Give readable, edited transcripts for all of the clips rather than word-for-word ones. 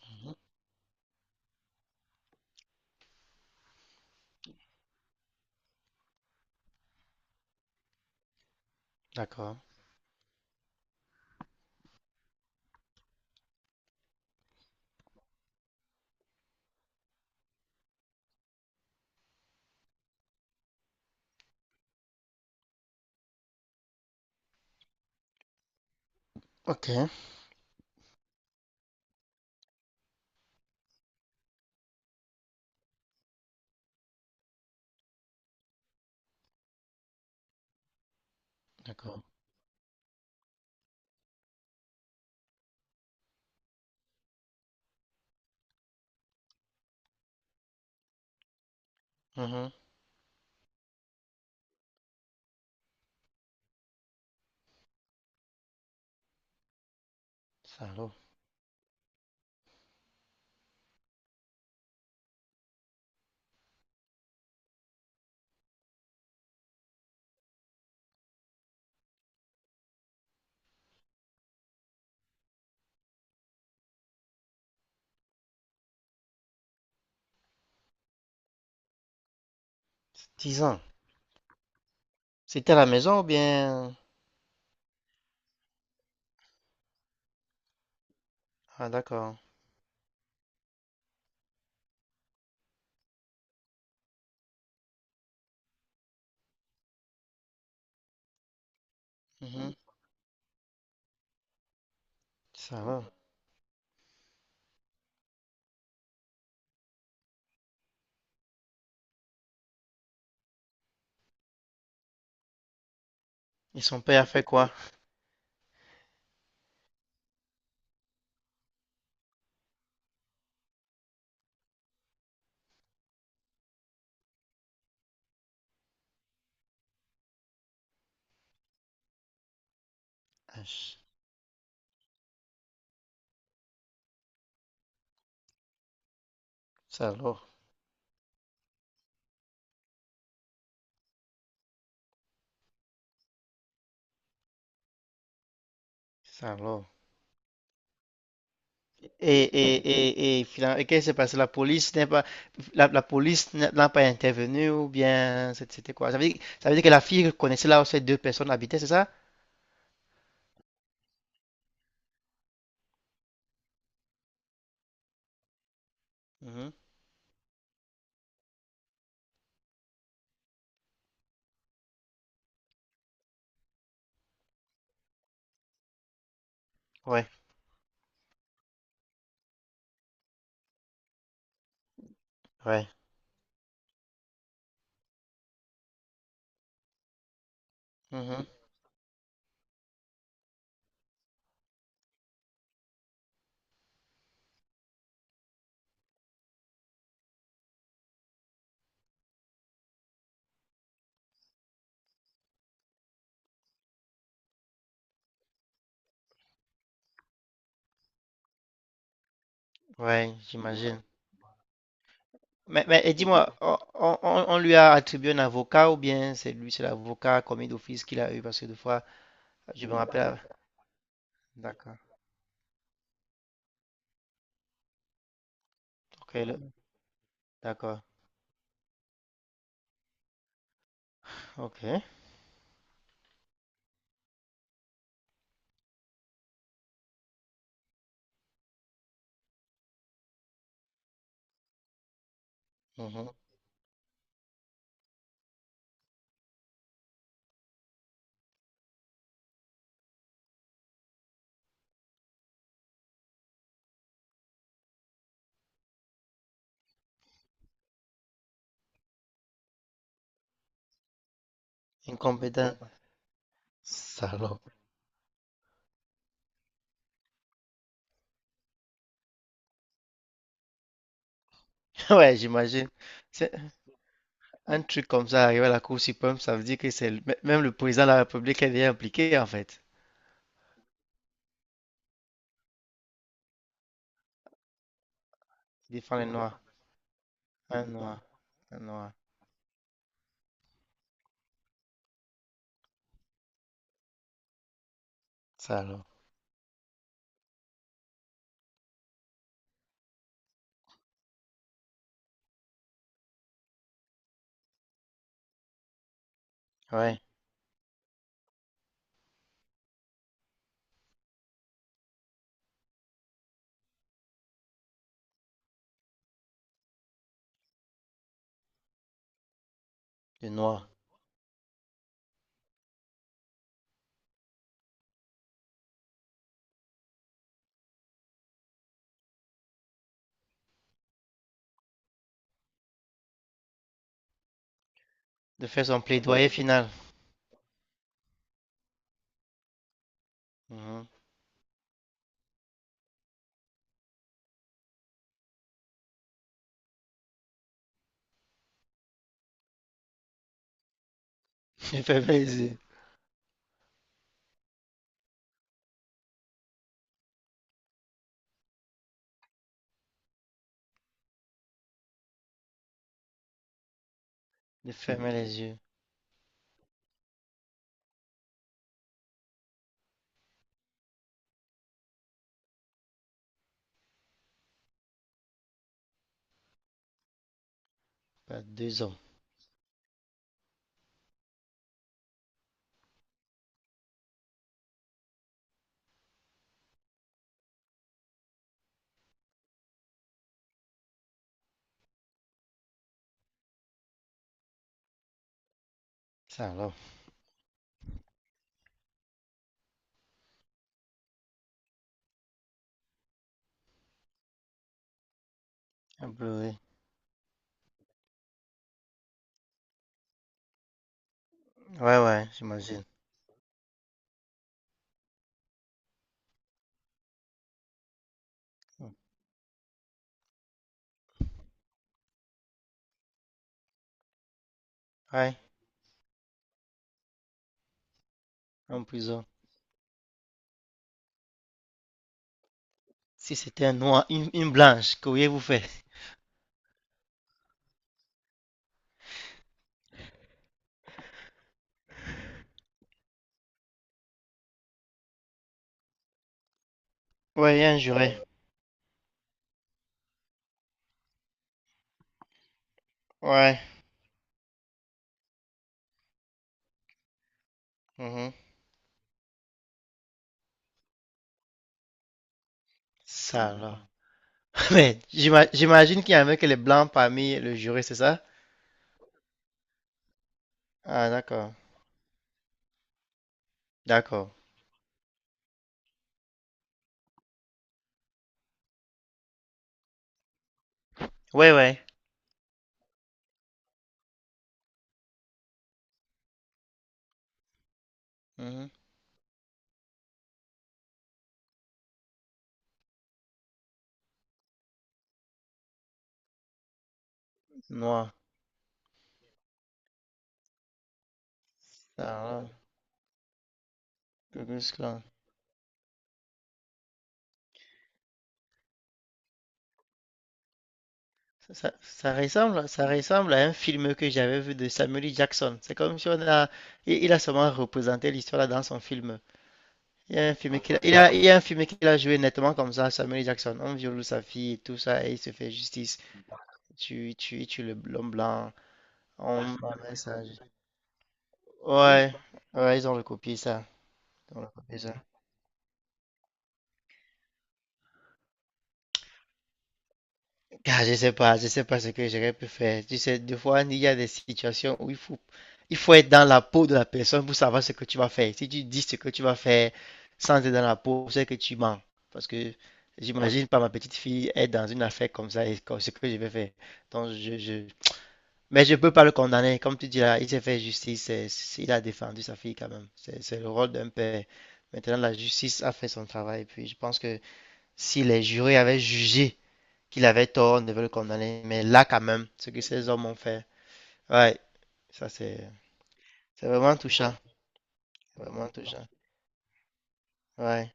Mhm. D'accord. Ok. D'accord. Mhm. Salaud. 10 ans. C'était à la maison ou bien... Ah, d'accord. Mhm. Salaud. Et son père a fait quoi? Ach, Salaud. Salaud. Et, et, et finalement, et qu'est-ce qui s'est passé? La police n'est pas, la police n'a pas intervenu ou bien c'est- c'était quoi? Ça veut dire que la fille connaissait là où ces deux personnes habitaient, c'est ça? Mhm. Ouais, ouais. Mhm. Ouais, j'imagine. Mais et Mhm, dis-moi, on- lui a attribué un avocat ou bien c'est lui, c'est l'avocat commis d'office qu'il a eu parce que des fois, je me rappelle. Ah, d'accord. Ok, le- d'accord. Ok. Mhm. Incompétent. Salaud. Ouais, j'imagine. C'est un truc comme ça arrivé à la Cour suprême, ça veut dire que c'est le- mê- même le président de la République est déjà impliqué en fait. Il défend les Noirs. Un Noir, un Noir. Salaud. Ouais, le Noir. De faire son plaidoyer final. Mhm. De fermer les yeux. De fermer les yeux. Par 2 hommes. Ça alors, un bleu, oui. Ouais, ouais, j'imagine. Ouais, en prison. Si c'était un noir, une blanche, qu'auriez-vous fait? Ouais, il y a un juré. Ouais. Mhm. Ça alors. Mais j'ima- j'imagine qu'il y avait que les blancs parmi le jury, c'est ça? Ah, d'accord. D'accord. Ouais, ouais. Mhm. Noir. Ça alors. Ku Klux Klan. Ça ressemble à un film que j'avais vu de Samuel L. Jackson. C'est comme si on a, il a seulement représenté l'histoire là dans son film. Il y a un film qu'il a, il a- Il y a un film qu'il a joué nettement comme ça, Samuel Jackson. On viole sa fille et tout ça, et il se fait justice. Tu le l'homme blanc. On met ça. Ouais, ouais, ils ont recopié ça. Ils ont recopié ça. Ah, je sais pas ce que j'aurais pu faire. Tu sais, des fois, il y a des situations où il faut être dans la peau de la personne pour savoir ce que tu vas faire. Si tu dis ce que tu vas faire sans être dans la peau, c'est que tu mens. Parce que j'imagine pas ma petite fille être dans une affaire comme ça et comme ce que je vais faire. Donc, je, je... Mais je peux pas le condamner. Comme tu dis là, il s'est fait justice. C'est- c'est- il a défendu sa fille quand même. C'est le rôle d'un père. Maintenant, la justice a fait son travail. Puis, je pense que si les jurés avaient jugé, qu'il avait tort, ne veulent condamner. Mais là, quand même, ce que ces hommes ont fait, ouais, ça c'est vraiment touchant. C'est vraiment touchant. Ouais.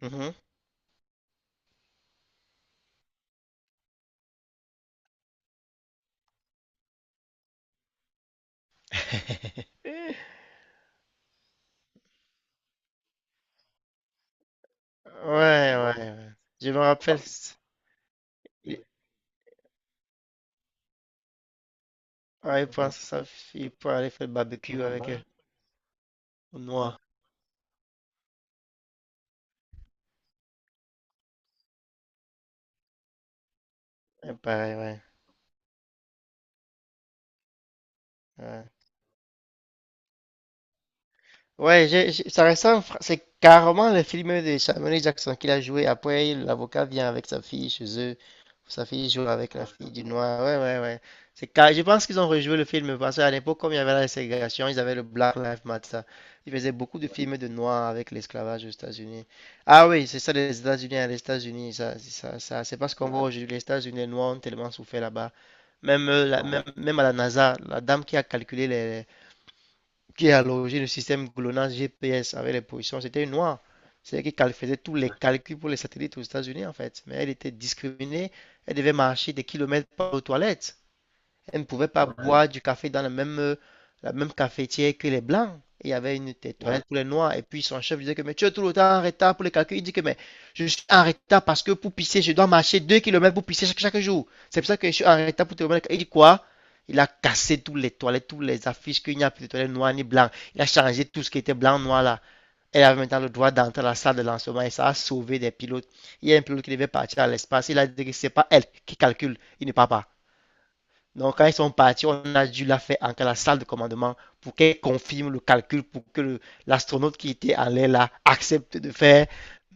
Mhm. Ouais. Je me rappelle, c- il, ouais, il pense à sa fille pour aller faire barbecue avec elle, au noir. Ouais, pareil, ouais. Ouais. Ouais, j'ai- ça ressemble, fr- c'est carrément le film de Samuel Jackson qu'il a joué. Après, l'avocat vient avec sa fille chez eux. Sa fille joue avec la fille du noir. Ouais. C'est car... Je pense qu'ils ont rejoué le film parce qu'à l'époque, comme il y avait la ségrégation, ils avaient le Black Lives Matter. Ils faisaient beaucoup de films de noirs avec l'esclavage aux États-Unis. Ah oui, c'est ça, les États-Unis, hein, les États-Unis, ça, c'est ça, ça- c'est parce qu'on voit aujourd'hui les États-Unis, les noirs ont tellement souffert là-bas. Même, la- même, même à la NASA, la dame qui a calculé les qui a logé le système GLONASS GPS avec les positions, c'était une noire. C'est-à-dire qu'elle faisait tous les calculs pour les satellites aux États-Unis, en fait. Mais elle était discriminée. Elle devait marcher des kilomètres par aux toilettes. Elle ne pouvait pas ouais, boire du café dans la même cafetière que les blancs. Il y avait une t- ouais, toilette pour les noirs. Et puis son chef disait que mais tu es tout le temps en retard pour les calculs. Il dit que mais je suis en retard parce que pour pisser, je dois marcher 2 kilomètres pour pisser chaque jour. C'est pour ça que je suis en retard pour te remettre. Il dit quoi? Il a cassé toutes les toilettes, toutes les affiches qu'il n'y a plus de toilettes noires ni blancs. Il a changé tout ce qui était blanc, noir là. Elle avait maintenant le droit d'entrer à la salle de lancement et ça a sauvé des pilotes. Il y a un pilote qui devait partir à l'espace. Il a dit que c'est pas elle qui calcule. Il ne part pas. Donc, quand ils sont partis, on a dû la faire entrer à la salle de commandement pour qu'elle confirme le calcul, pour que l'astronaute qui était en l'air là accepte de faire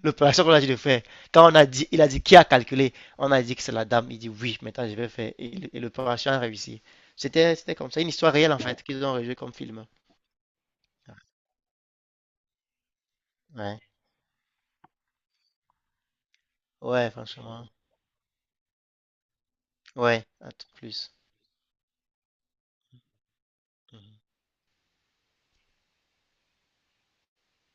l'opération qu'on a dit de faire. Quand on a dit, il a dit qui a calculé, on a dit que c'est la dame. Il dit oui, maintenant je vais faire. Et l'opération a réussi. C'était comme ça, une histoire réelle en fait qu'ils ont rejoué comme film. Ouais, ouais, franchement. Ouais, un truc plus. Mhm.